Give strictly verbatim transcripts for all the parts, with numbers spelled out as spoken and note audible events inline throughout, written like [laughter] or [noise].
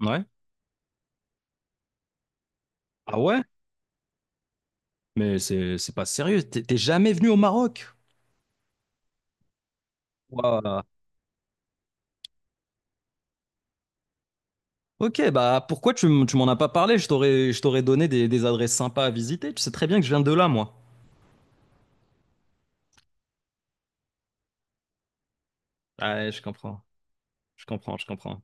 Ouais. Ah ouais? Mais c'est c'est pas sérieux. T'es t'es jamais venu au Maroc? Ouah. Ok, bah pourquoi tu, m- tu m'en as pas parlé? Je t'aurais je t'aurais donné des, des adresses sympas à visiter. Tu sais très bien que je viens de là, moi. Ouais, je comprends. Je comprends, je comprends.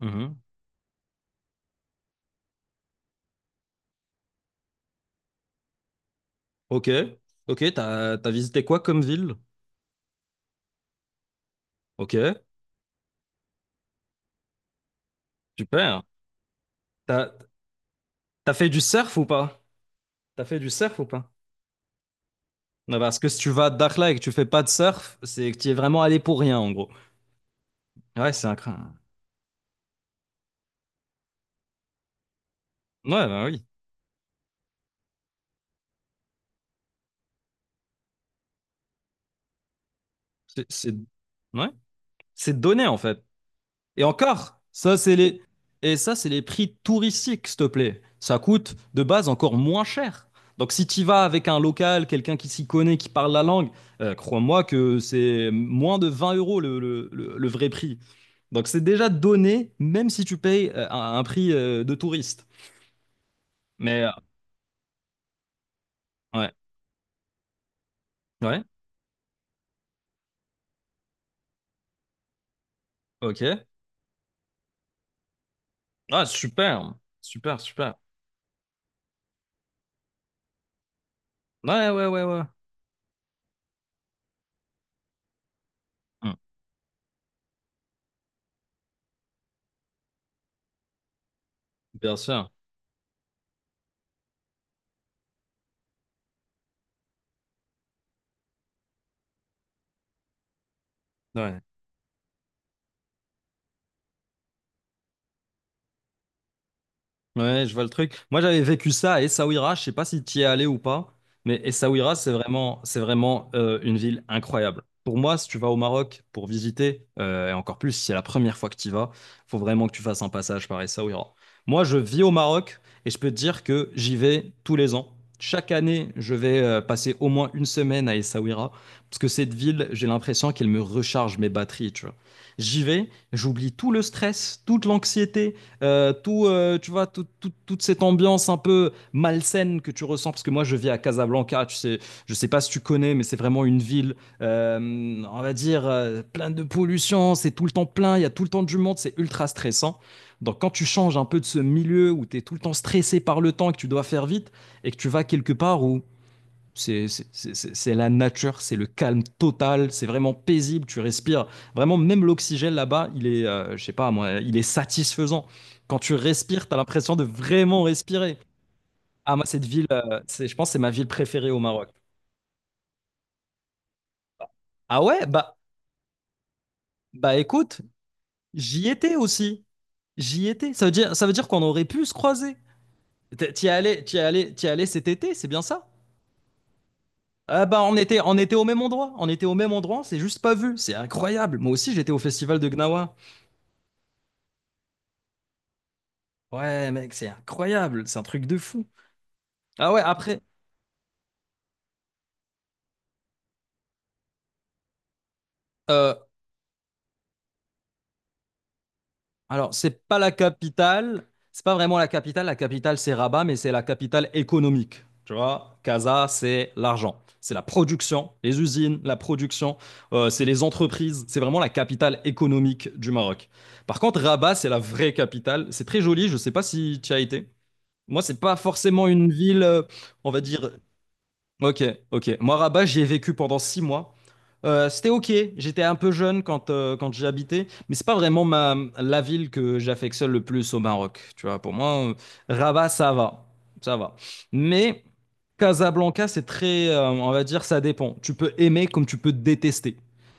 Mhm. Ok. Ok, t'as t'as visité quoi comme ville? Ok, super. T'as t'as fait du surf ou pas? T'as fait du surf ou pas? Non, parce que si tu vas à Dakhla et que tu fais pas de surf, c'est que tu es vraiment allé pour rien, en gros. Ouais, c'est incroyable. Ouais, bah oui. C'est... c'est- Ouais. C'est donné, en fait. Et encore, ça, c'est les... Et ça, c'est les prix touristiques, s'il te plaît. Ça coûte de base encore moins cher. Donc si tu vas avec un local, quelqu'un qui s'y connaît, qui parle la langue, euh, crois-moi que c'est moins de vingt euros le, le- le- le vrai prix. Donc c'est déjà donné, même si tu payes euh, un, un prix euh, de touriste. Mais euh, ouais, ouais, ok. Ah, super, super, super. Ouais, ouais, ouais, ouais. Hmm, bien sûr. Ouais. Ouais, je vois le truc. Moi, j'avais vécu ça à Essaouira. Je sais pas si tu y es allé ou pas, mais Essaouira, c'est vraiment, c'est vraiment euh, une ville incroyable. Pour moi, si tu vas au Maroc pour visiter, euh, et encore plus si c'est la première fois que tu y vas, faut vraiment que tu fasses un passage par Essaouira. Moi, je vis au Maroc et je peux te dire que j'y vais tous les ans. Chaque année, je vais euh, passer au moins une semaine à Essaouira parce que cette ville, j'ai l'impression qu'elle me recharge mes batteries, tu vois. J'y vais, j'oublie tout le stress, toute l'anxiété euh, tout, euh, tu vois, tout- tout- toute cette ambiance un peu malsaine que tu ressens, parce que moi je vis à Casablanca, tu sais, je sais pas si tu connais, mais c'est vraiment une ville, euh, on va dire, euh, pleine de pollution, c'est tout le temps plein, il y a tout le temps du monde, c'est ultra stressant. Donc quand tu changes un peu de ce milieu où tu es tout le temps stressé par le temps et que tu dois faire vite, et que tu vas quelque part où c'est c'est- c'est- c'est- la nature, c'est le calme total, c'est vraiment paisible, tu respires. Vraiment, même l'oxygène là-bas, il est, euh, je sais pas moi, il est satisfaisant. Quand tu respires, tu as l'impression de vraiment respirer. Ah, moi, cette ville, euh, c'est, je pense que c'est ma ville préférée au Maroc. Ah ouais, bah, bah écoute, j'y étais aussi. J'y étais. Ça veut dire, ça veut dire qu'on aurait pu se croiser. T'y t'y es allé, t'y es allé, t'y es allé cet été, c'est bien ça? Ah bah on était, on était au même endroit, on était au même endroit, on s'est juste pas vu, c'est incroyable. Moi aussi j'étais au festival de Gnawa. Ouais, mec, c'est incroyable, c'est un truc de fou. Ah ouais, après, euh, alors, c'est pas la capitale, c'est pas vraiment la capitale, la capitale c'est Rabat, mais c'est la capitale économique. Tu vois, Casa, c'est l'argent, c'est la production, les usines, la production, euh, c'est les entreprises, c'est vraiment la capitale économique du Maroc. Par contre, Rabat, c'est la vraie capitale, c'est très joli, je sais pas si tu as été. Moi, c'est pas forcément une ville, euh, on va dire, ok, ok. Moi, Rabat, j'y ai vécu pendant six mois. Euh, c'était ok, j'étais un peu jeune quand, euh, quand j'y habitais, mais c'est pas vraiment ma, la ville que j'affectionne le plus au Maroc. Tu vois, pour moi, euh, Rabat, ça va, ça va. Mais Casablanca, c'est très, euh, on va dire, ça dépend. Tu peux aimer comme tu peux détester.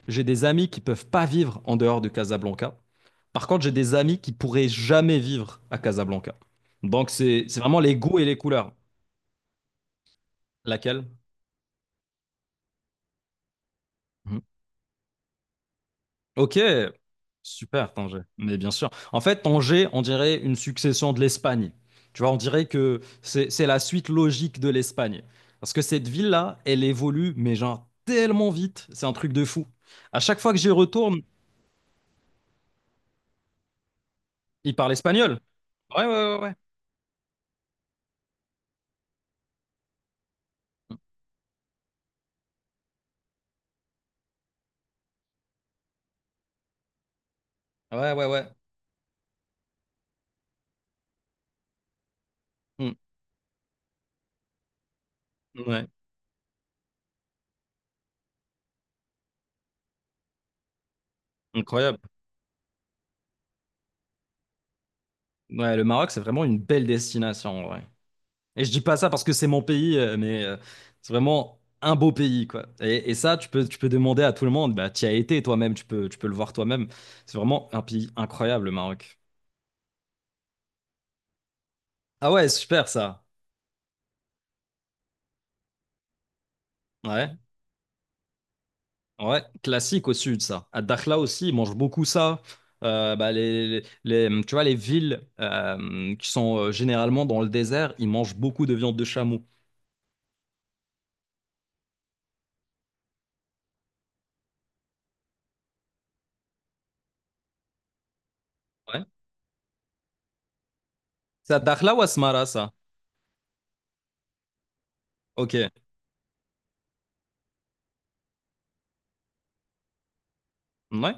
J'ai des amis qui peuvent pas vivre en dehors de Casablanca. Par contre, j'ai des amis qui pourraient jamais vivre à Casablanca. Donc, c'est c'est vraiment les goûts et les couleurs. Laquelle? Mhm. Ok, super Tanger, mais bien sûr. En fait, Tanger, on dirait une succession de l'Espagne. Tu vois, on dirait que c'est c'est la suite logique de l'Espagne. Parce que cette ville-là, elle évolue, mais genre tellement vite, c'est un truc de fou. À chaque fois que j'y retourne, ils parlent espagnol. Ouais, ouais, ouais, ouais. Ouais, ouais, ouais. Mm. Ouais, incroyable. Ouais, le Maroc, c'est vraiment une belle destination, et je dis pas ça parce que c'est mon pays, euh, mais euh, c'est vraiment un beau pays, quoi. Et, et ça, tu peux, tu peux demander à tout le monde, bah, tu y as été toi-même, tu peux, tu peux le voir toi-même. C'est vraiment un pays incroyable, le Maroc. Ah ouais, super ça. Ouais, ouais, classique au sud, ça. À Dakhla aussi, ils mangent beaucoup ça. Euh, bah, les, les, les- Tu vois, les villes euh, qui sont euh, généralement dans le désert, ils mangent beaucoup de viande de chameau. Ouais. C'est à Dakhla ou à Smara, ça? Ok. Ouais,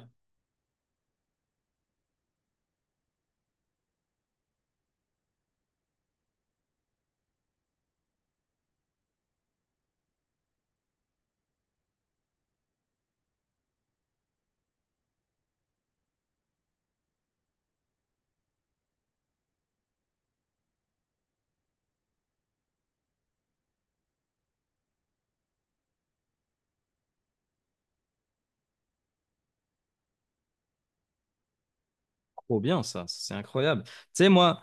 trop bien ça, c'est incroyable. Tu sais, moi,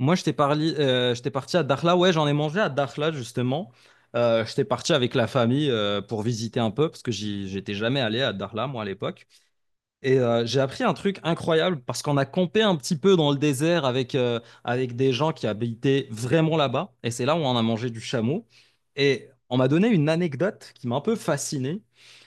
Moi, j'étais parli- euh, j'étais parti à Dakhla. Ouais, j'en ai mangé à Dakhla, justement. Euh, j'étais parti avec la famille euh, pour visiter un peu, parce que j'y- j'étais jamais allé à Dakhla, moi, à l'époque. Et euh, j'ai appris un truc incroyable parce qu'on a campé un petit peu dans le désert avec, euh, avec des gens qui habitaient vraiment là-bas. Et c'est là où on a mangé du chameau. Et on m'a donné une anecdote qui m'a un peu fasciné.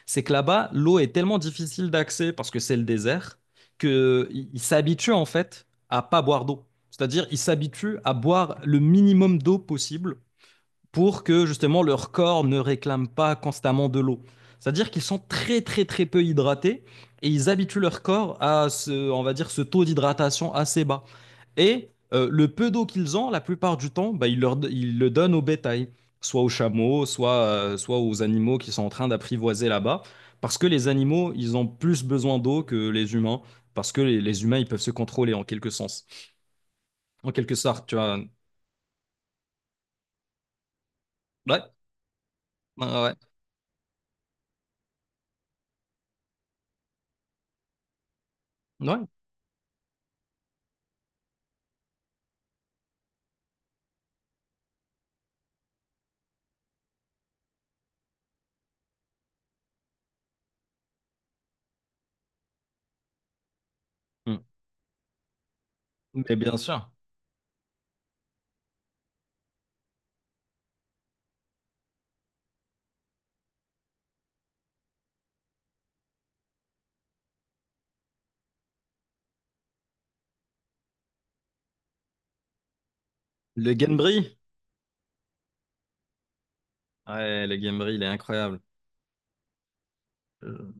C'est que là-bas, l'eau est tellement difficile d'accès parce que c'est le désert qu'ils s'habituent en fait à pas boire d'eau. C'est-à-dire, ils s'habituent à boire le minimum d'eau possible pour que justement leur corps ne réclame pas constamment de l'eau. C'est-à-dire qu'ils sont très très très peu hydratés et ils habituent leur corps à ce, on va dire, ce taux d'hydratation assez bas. Et euh, le peu d'eau qu'ils ont, la plupart du temps, bah, ils, leur, ils le donnent au bétail, soit aux chameaux, soit, euh, soit aux animaux qui sont en train d'apprivoiser là-bas, parce que les animaux, ils ont plus besoin d'eau que les humains, parce que les, les humains, ils peuvent se contrôler en quelque sens, en quelque sorte, tu vois. Ouais, ouais, ouais. Mm. Mais bien sûr. Le Gambry? Ouais, le Gambry, il est incroyable. Euh,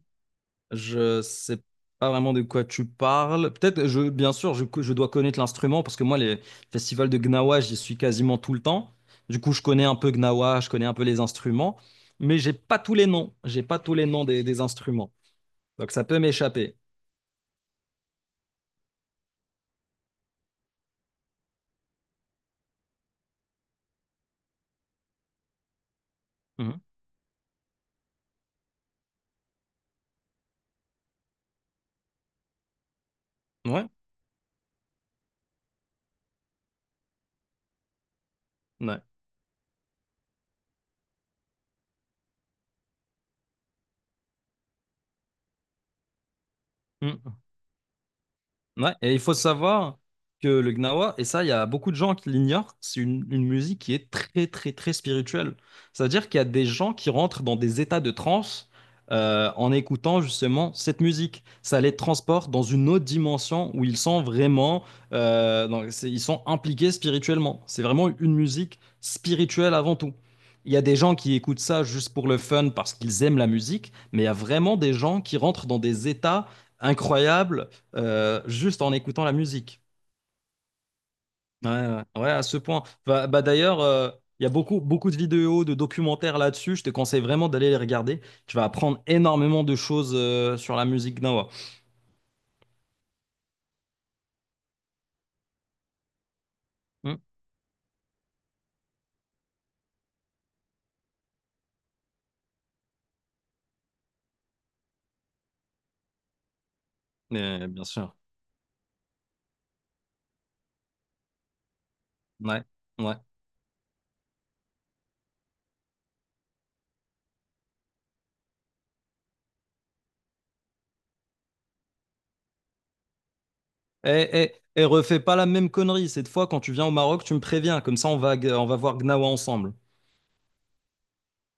Je sais pas vraiment de quoi tu parles. Peut-être, je, bien sûr, je, je dois connaître l'instrument parce que moi, les festivals de Gnawa, j'y suis quasiment tout le temps. Du coup, je connais un peu Gnawa, je connais un peu les instruments, mais j'ai pas tous les noms. J'ai pas tous les noms des, des instruments. Donc, ça peut m'échapper. Mhm. Ouais, ouais. Mhm. Ouais, et il faut savoir que le gnawa, et ça, il y a beaucoup de gens qui l'ignorent, c'est une, une musique qui est très, très, très spirituelle. C'est-à-dire qu'il y a des gens qui rentrent dans des états de transe euh, en écoutant justement cette musique. Ça les transporte dans une autre dimension où ils sont vraiment, euh, dans- c'est- ils sont impliqués spirituellement. C'est vraiment une musique spirituelle avant tout. Il y a des gens qui écoutent ça juste pour le fun parce qu'ils aiment la musique, mais il y a vraiment des gens qui rentrent dans des états incroyables euh, juste en écoutant la musique. Ouais, ouais, ouais, à ce point. Bah, bah, d'ailleurs, euh, il y a beaucoup, beaucoup de vidéos, de documentaires là-dessus. Je te conseille vraiment d'aller les regarder. Tu vas apprendre énormément de choses euh, sur la musique Gnawa. Hmm. Mais, bien sûr. Ouais, ouais. Et, et, et refais pas la même connerie. Cette fois, quand tu viens au Maroc, tu me préviens. Comme ça, on va, on va voir Gnawa ensemble.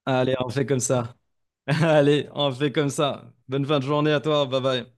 Allez, on fait comme ça. [laughs] Allez, on fait comme ça. Bonne fin de journée à toi. Bye bye.